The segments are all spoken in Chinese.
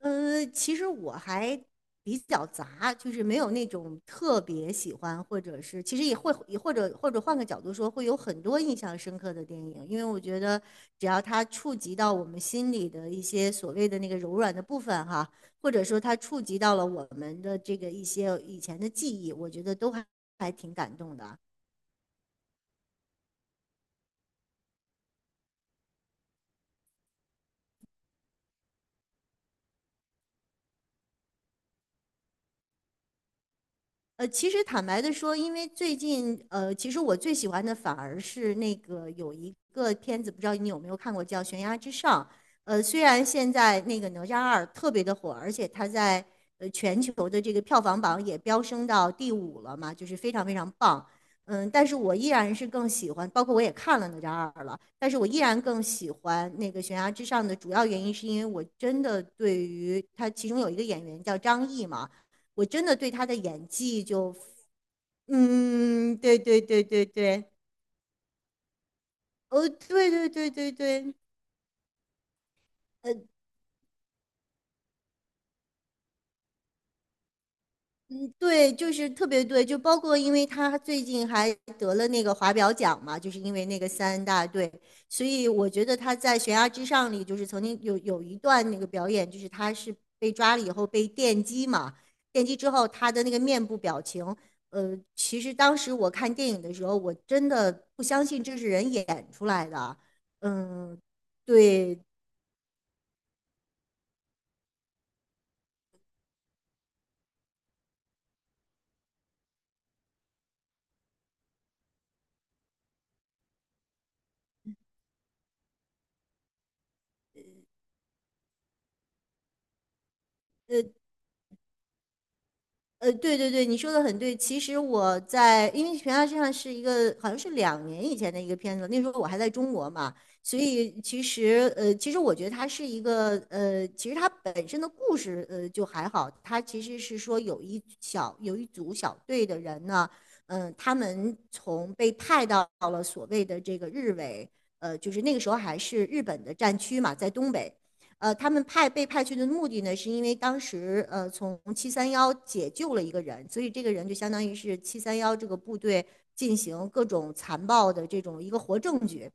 其实我还比较杂，就是没有那种特别喜欢，或者是其实也会也或者或者换个角度说，会有很多印象深刻的电影，因为我觉得只要它触及到我们心里的一些所谓的那个柔软的部分哈，或者说它触及到了我们的这个一些以前的记忆，我觉得都还挺感动的。其实坦白的说，因为最近，其实我最喜欢的反而是那个有一个片子，不知道你有没有看过，叫《悬崖之上》。虽然现在那个《哪吒二》特别的火，而且它在全球的这个票房榜也飙升到第五了嘛，就是非常非常棒。嗯，但是我依然是更喜欢，包括我也看了《哪吒二》了，但是我依然更喜欢那个《悬崖之上》的主要原因，是因为我真的对于它其中有一个演员叫张译嘛。我真的对他的演技就，嗯，对对对对对，哦，对对对对对，呃，对，就是特别对，就包括因为他最近还得了那个华表奖嘛，就是因为那个三大队，所以我觉得他在《悬崖之上》里就是曾经有一段那个表演，就是他是被抓了以后被电击嘛，电击之后他的那个面部表情，其实当时我看电影的时候，我真的不相信这是人演出来的啊，嗯，对。呃。对对对，你说的很对。其实我在，因为悬崖之上是一个好像是2年以前的一个片子，那时候我还在中国嘛，所以其实我觉得它是一个其实它本身的故事就还好，它其实是说有一组小队的人呢，他们从被派到了所谓的这个日伪，就是那个时候还是日本的战区嘛，在东北。他们被派去的目的呢，是因为当时从七三幺解救了一个人，所以这个人就相当于是七三幺这个部队进行各种残暴的这种一个活证据。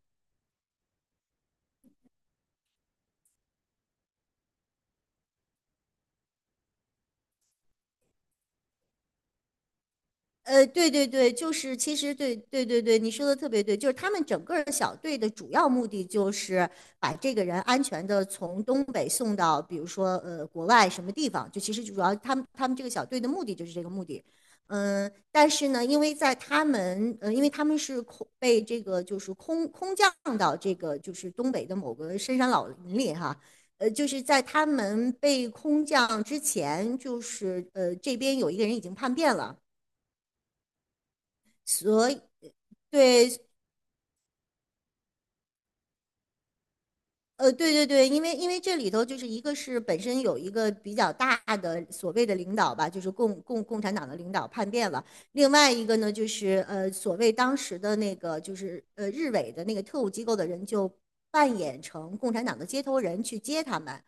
对对对，就是其实对对对对，你说的特别对，就是他们整个儿小队的主要目的就是把这个人安全的从东北送到，比如说国外什么地方，就其实主要他们这个小队的目的就是这个目的。嗯，但是呢，因为在他们，因为他们是空降到这个就是东北的某个深山老林里哈，就是在他们被空降之前，就是这边有一个人已经叛变了。所以对，对对对，因为这里头就是一个是本身有一个比较大的所谓的领导吧，就是共产党的领导叛变了，另外一个呢就是所谓当时的那个就是日伪的那个特务机构的人就扮演成共产党的接头人去接他们，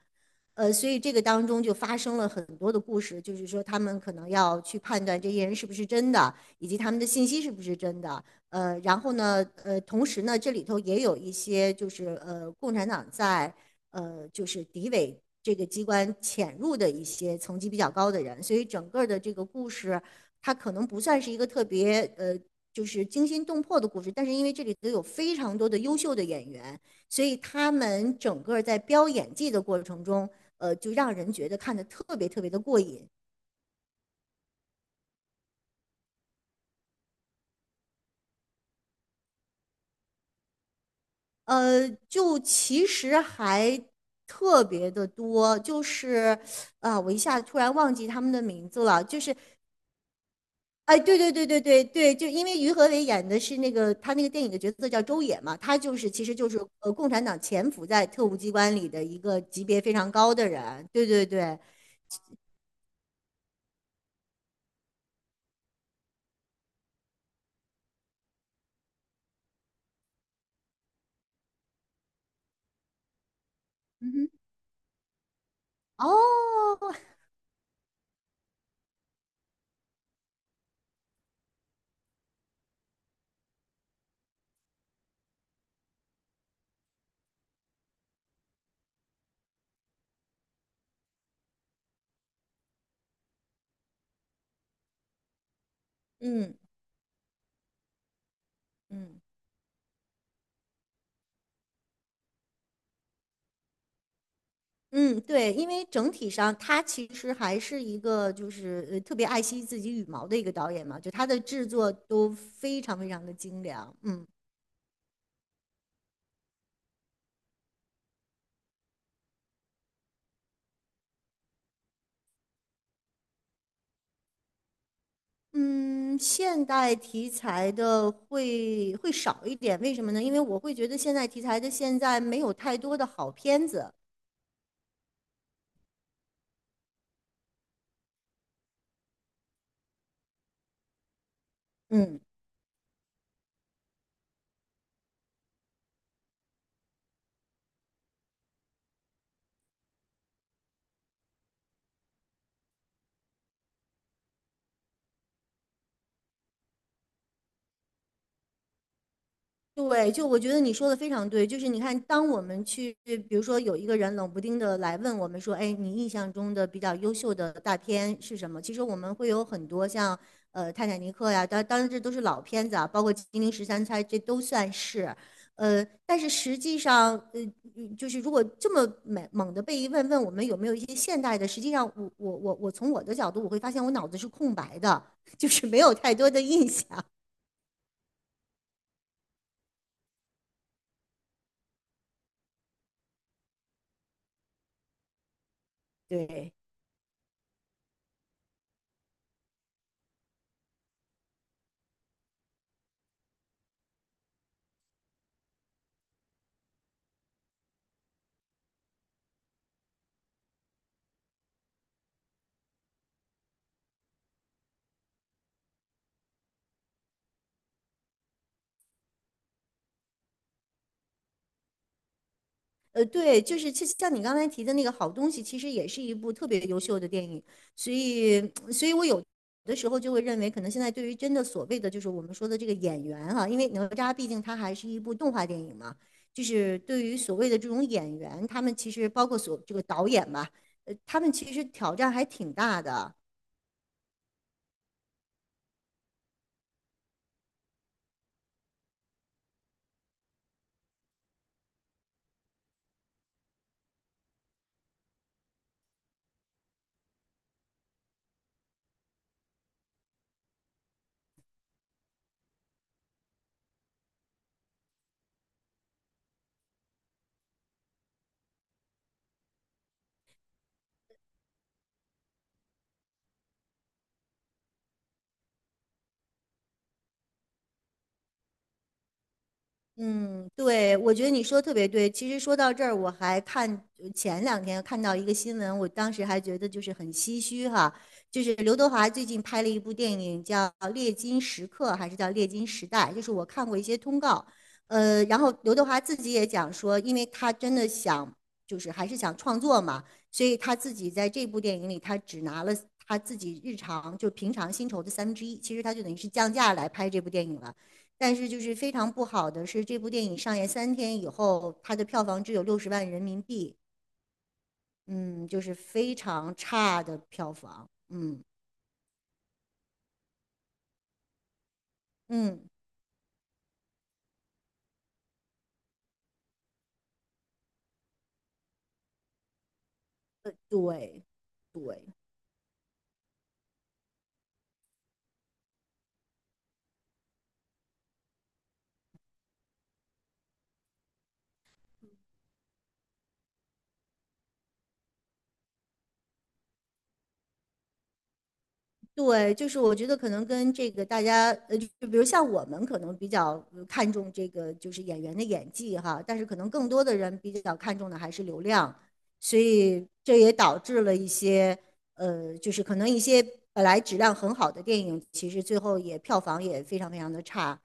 所以这个当中就发生了很多的故事，就是说他们可能要去判断这些人是不是真的，以及他们的信息是不是真的。然后呢，同时呢，这里头也有一些就是共产党在就是敌伪这个机关潜入的一些层级比较高的人，所以整个的这个故事，它可能不算是一个特别就是惊心动魄的故事，但是因为这里头有非常多的优秀的演员，所以他们整个在飙演技的过程中，就让人觉得看的特别特别的过瘾。就其实还特别的多，就是啊、我一下子突然忘记他们的名字了，就是哎，对对对对对对，就因为于和伟演的是那个他那个电影的角色叫周也嘛，他就是其实就是共产党潜伏在特务机关里的一个级别非常高的人，对对对，嗯哼。哦，嗯嗯。嗯，对，因为整体上他其实还是一个就是特别爱惜自己羽毛的一个导演嘛，就他的制作都非常非常的精良。嗯嗯，现代题材的会少一点，为什么呢？因为我会觉得现代题材的现在没有太多的好片子。嗯。对，就我觉得你说的非常对，就是你看，当我们去，比如说有一个人冷不丁的来问我们说，哎，你印象中的比较优秀的大片是什么？其实我们会有很多像，《泰坦尼克》呀，当然这都是老片子啊，包括《金陵十三钗》，这都算是，但是实际上，就是如果这么猛的被一问我们有没有一些现代的，实际上我从我的角度，我会发现我脑子是空白的，就是没有太多的印象，对。对，就是其实像你刚才提的那个好东西，其实也是一部特别优秀的电影，所以，所以我有的时候就会认为，可能现在对于真的所谓的就是我们说的这个演员哈、因为哪吒毕竟它还是一部动画电影嘛，就是对于所谓的这种演员，他们其实包括所这个导演吧，他们其实挑战还挺大的，嗯，对，我觉得你说得特别对。其实说到这儿，我还看前两天看到一个新闻，我当时还觉得就是很唏嘘哈。就是刘德华最近拍了一部电影叫《猎金时刻》，还是叫《猎金时代》？就是我看过一些通告，然后刘德华自己也讲说，因为他真的想，就是还是想创作嘛，所以他自己在这部电影里，他只拿了他自己日常就平常薪酬的三分之一，其实他就等于是降价来拍这部电影了。但是就是非常不好的是，这部电影上映3天以后，它的票房只有60万人民币，嗯，就是非常差的票房，嗯嗯，对对，对，就是我觉得可能跟这个大家，就比如像我们可能比较看重这个就是演员的演技哈，但是可能更多的人比较看重的还是流量，所以这也导致了一些，就是可能一些本来质量很好的电影，其实最后也票房也非常非常的差，